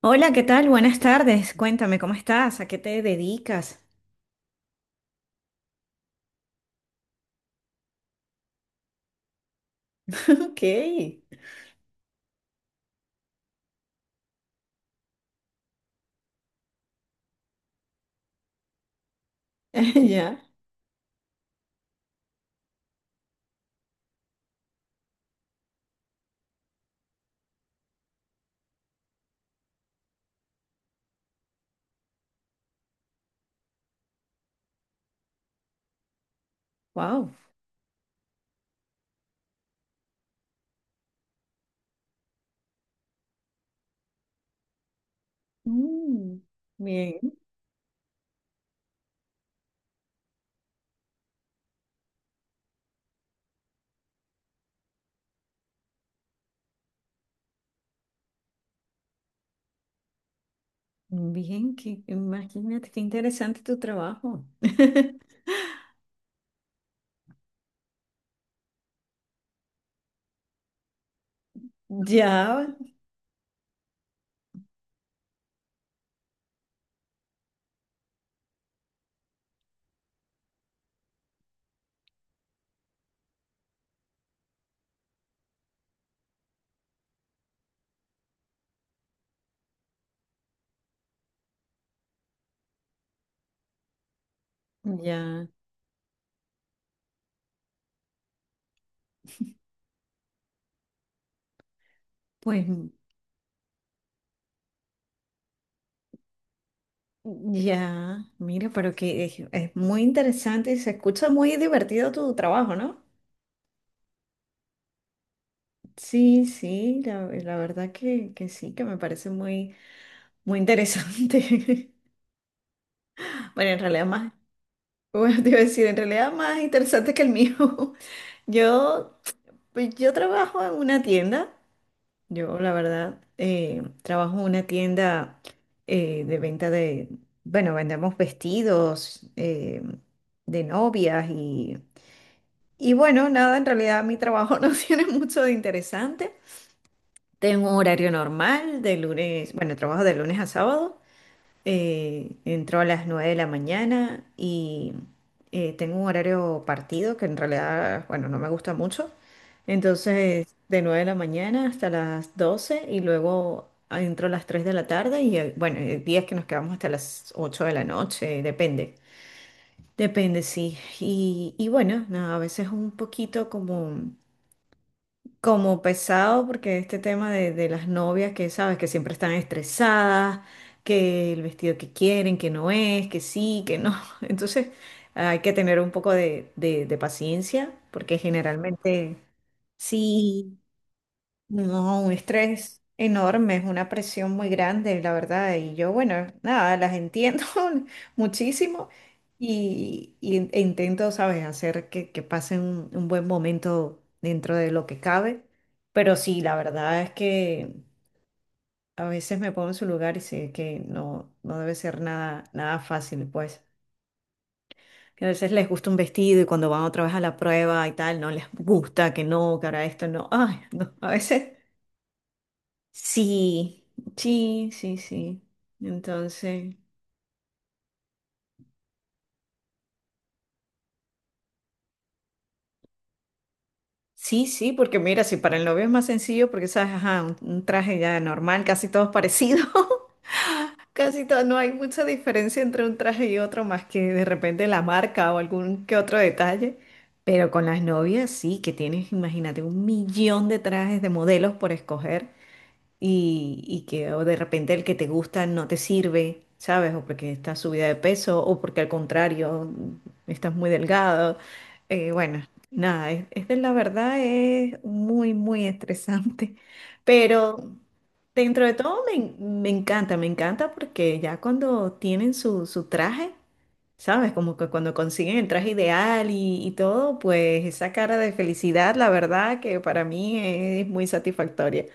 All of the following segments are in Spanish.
Hola, ¿qué tal? Buenas tardes. Cuéntame, ¿cómo estás? ¿A qué te dedicas? Ok. Ya. Wow. Bien. Bien, que, imagínate qué interesante tu trabajo. Ya, ya. Pues ya. Mira, pero que es muy interesante y se escucha muy divertido tu trabajo, ¿no? Sí, sí, la verdad que sí, que me parece muy, muy interesante. Bueno, en realidad más. Bueno, te iba a decir, en realidad más interesante que el mío. Yo, pues yo trabajo en una tienda. Yo, la verdad, trabajo en una tienda de venta de, bueno, vendemos vestidos de novias y bueno, nada, en realidad mi trabajo no tiene mucho de interesante. Tengo un horario normal de lunes, bueno, trabajo de lunes a sábado. Entro a las 9 de la mañana y tengo un horario partido que en realidad, bueno, no me gusta mucho. Entonces, de 9 de la mañana hasta las 12 y luego entro a las 3 de la tarde y bueno, hay días que nos quedamos hasta las 8 de la noche, depende. Depende, sí. Y bueno, nada, a veces un poquito como como pesado porque este tema de las novias que sabes que siempre están estresadas, que el vestido que quieren, que no es, que sí, que no. Entonces hay que tener un poco de, de paciencia porque generalmente sí, no, un estrés enorme, es una presión muy grande, la verdad. Y yo, bueno, nada, las entiendo muchísimo y, e intento, ¿sabes?, hacer que pasen un buen momento dentro de lo que cabe. Pero sí, la verdad es que a veces me pongo en su lugar y sé que no, no debe ser nada, nada fácil, pues. Que a veces les gusta un vestido y cuando van otra vez a la prueba y tal, no les gusta, que no, que ahora esto no. Ay, no, a veces. Sí, sí, sí, sí. Entonces, sí, sí, porque mira, si para el novio es más sencillo, porque sabes, ajá, un traje ya normal, casi todos parecidos, casi todo, no hay mucha diferencia entre un traje y otro, más que de repente la marca o algún que otro detalle. Pero con las novias sí, que tienes, imagínate, un millón de trajes de modelos por escoger. Y, y que o de repente el que te gusta no te sirve, ¿sabes? O porque estás subida de peso o porque al contrario estás muy delgado. Bueno, nada, es de la verdad es muy, muy estresante, pero dentro de todo me, me encanta porque ya cuando tienen su, su traje, ¿sabes? Como que cuando consiguen el traje ideal y todo, pues esa cara de felicidad, la verdad que para mí es muy satisfactoria.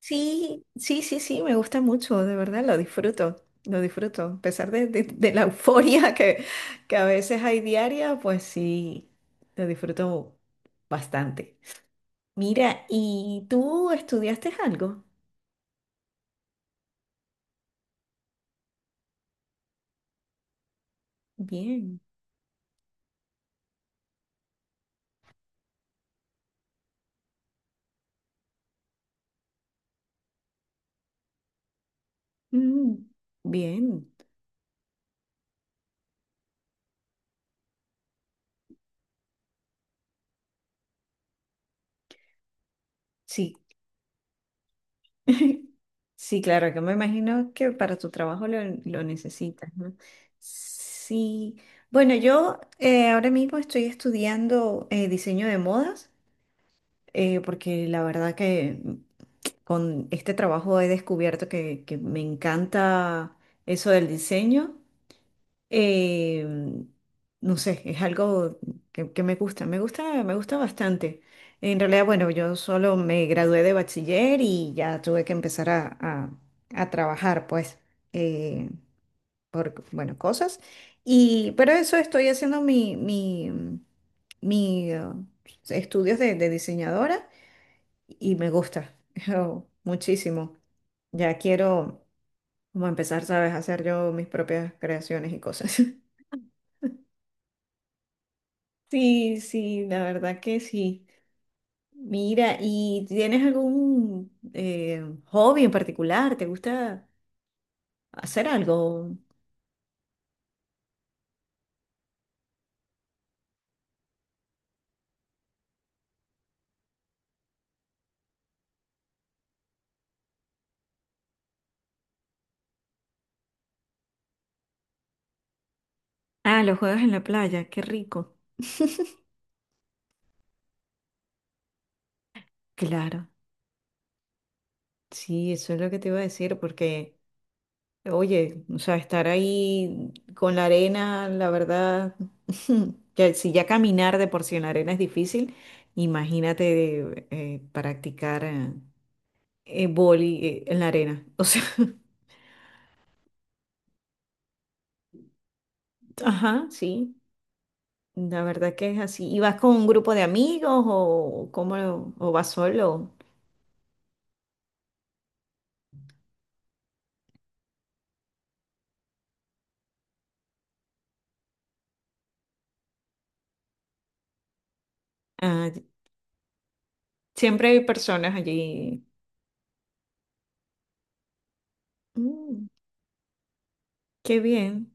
Sí, sí, sí, sí, me gusta mucho, de verdad, lo disfruto, lo disfruto. A pesar de, de la euforia que a veces hay diaria, pues sí, lo disfruto bastante. Mira, ¿y tú estudiaste algo? Bien, mm, bien, sí. Sí, claro, que me imagino que para tu trabajo lo necesitas, ¿no? Sí, bueno, yo ahora mismo estoy estudiando diseño de modas. Porque la verdad que con este trabajo he descubierto que me encanta eso del diseño. Eh, no sé, es algo que me gusta, me gusta, me gusta bastante. En realidad, bueno, yo solo me gradué de bachiller y ya tuve que empezar a, a trabajar, pues, eh, por, bueno, cosas. Y, pero eso estoy haciendo mi, mi, mi, estudios de diseñadora y me gusta yo, muchísimo. Ya quiero como empezar, ¿sabes? A hacer yo mis propias creaciones y cosas. Sí, sí, la verdad que sí. Mira, ¿y tienes algún hobby en particular? ¿Te gusta hacer algo? Ah, los juegos en la playa, qué rico. Claro, sí, eso es lo que te iba a decir, porque oye, o sea, estar ahí con la arena, la verdad, si ya caminar de por sí en la arena es difícil, imagínate practicar vóley, en la arena. O sea, ajá, sí, la verdad que es así. ¿Y vas con un grupo de amigos o cómo, o vas solo? Ah, siempre hay personas allí. Mm, qué bien.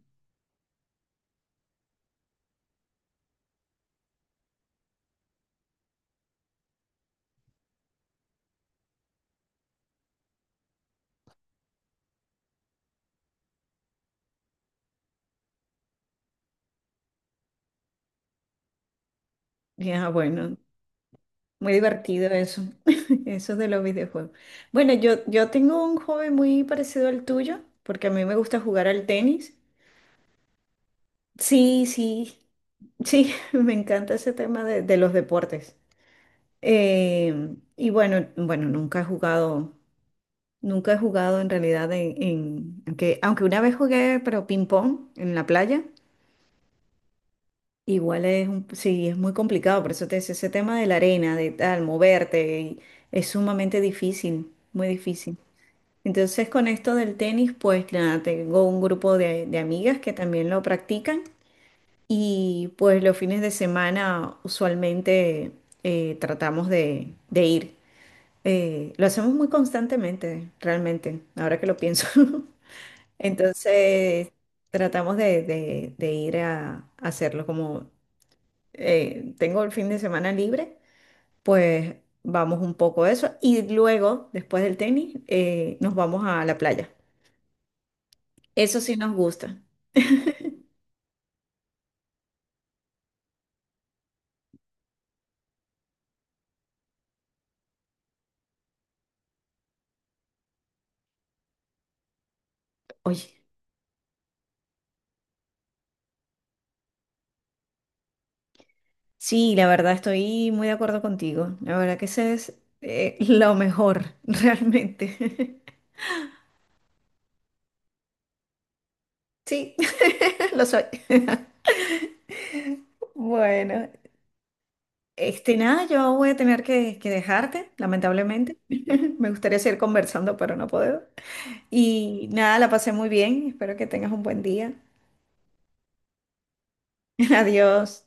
Ya, bueno, muy divertido eso, eso de los videojuegos. Bueno, yo tengo un hobby muy parecido al tuyo, porque a mí me gusta jugar al tenis. Sí, sí, sí, me encanta ese tema de los deportes. Y bueno, bueno, nunca he jugado, nunca he jugado en realidad en, aunque, aunque una vez jugué, pero ping pong en la playa. Igual es sí, es muy complicado, por eso te decía, ese tema de la arena, de tal, moverte, y es sumamente difícil, muy difícil. Entonces con esto del tenis, pues nada, tengo un grupo de amigas que también lo practican y pues los fines de semana usualmente tratamos de ir. Lo hacemos muy constantemente, realmente, ahora que lo pienso. Entonces tratamos de, de ir a hacerlo como tengo el fin de semana libre, pues vamos un poco a eso y luego, después del tenis, nos vamos a la playa. Eso sí nos gusta. Oye, sí, la verdad estoy muy de acuerdo contigo. La verdad que ese es lo mejor, realmente. Sí, lo soy. Bueno, este nada, yo voy a tener que dejarte, lamentablemente. Me gustaría seguir conversando, pero no puedo. Y nada, la pasé muy bien. Espero que tengas un buen día. Adiós.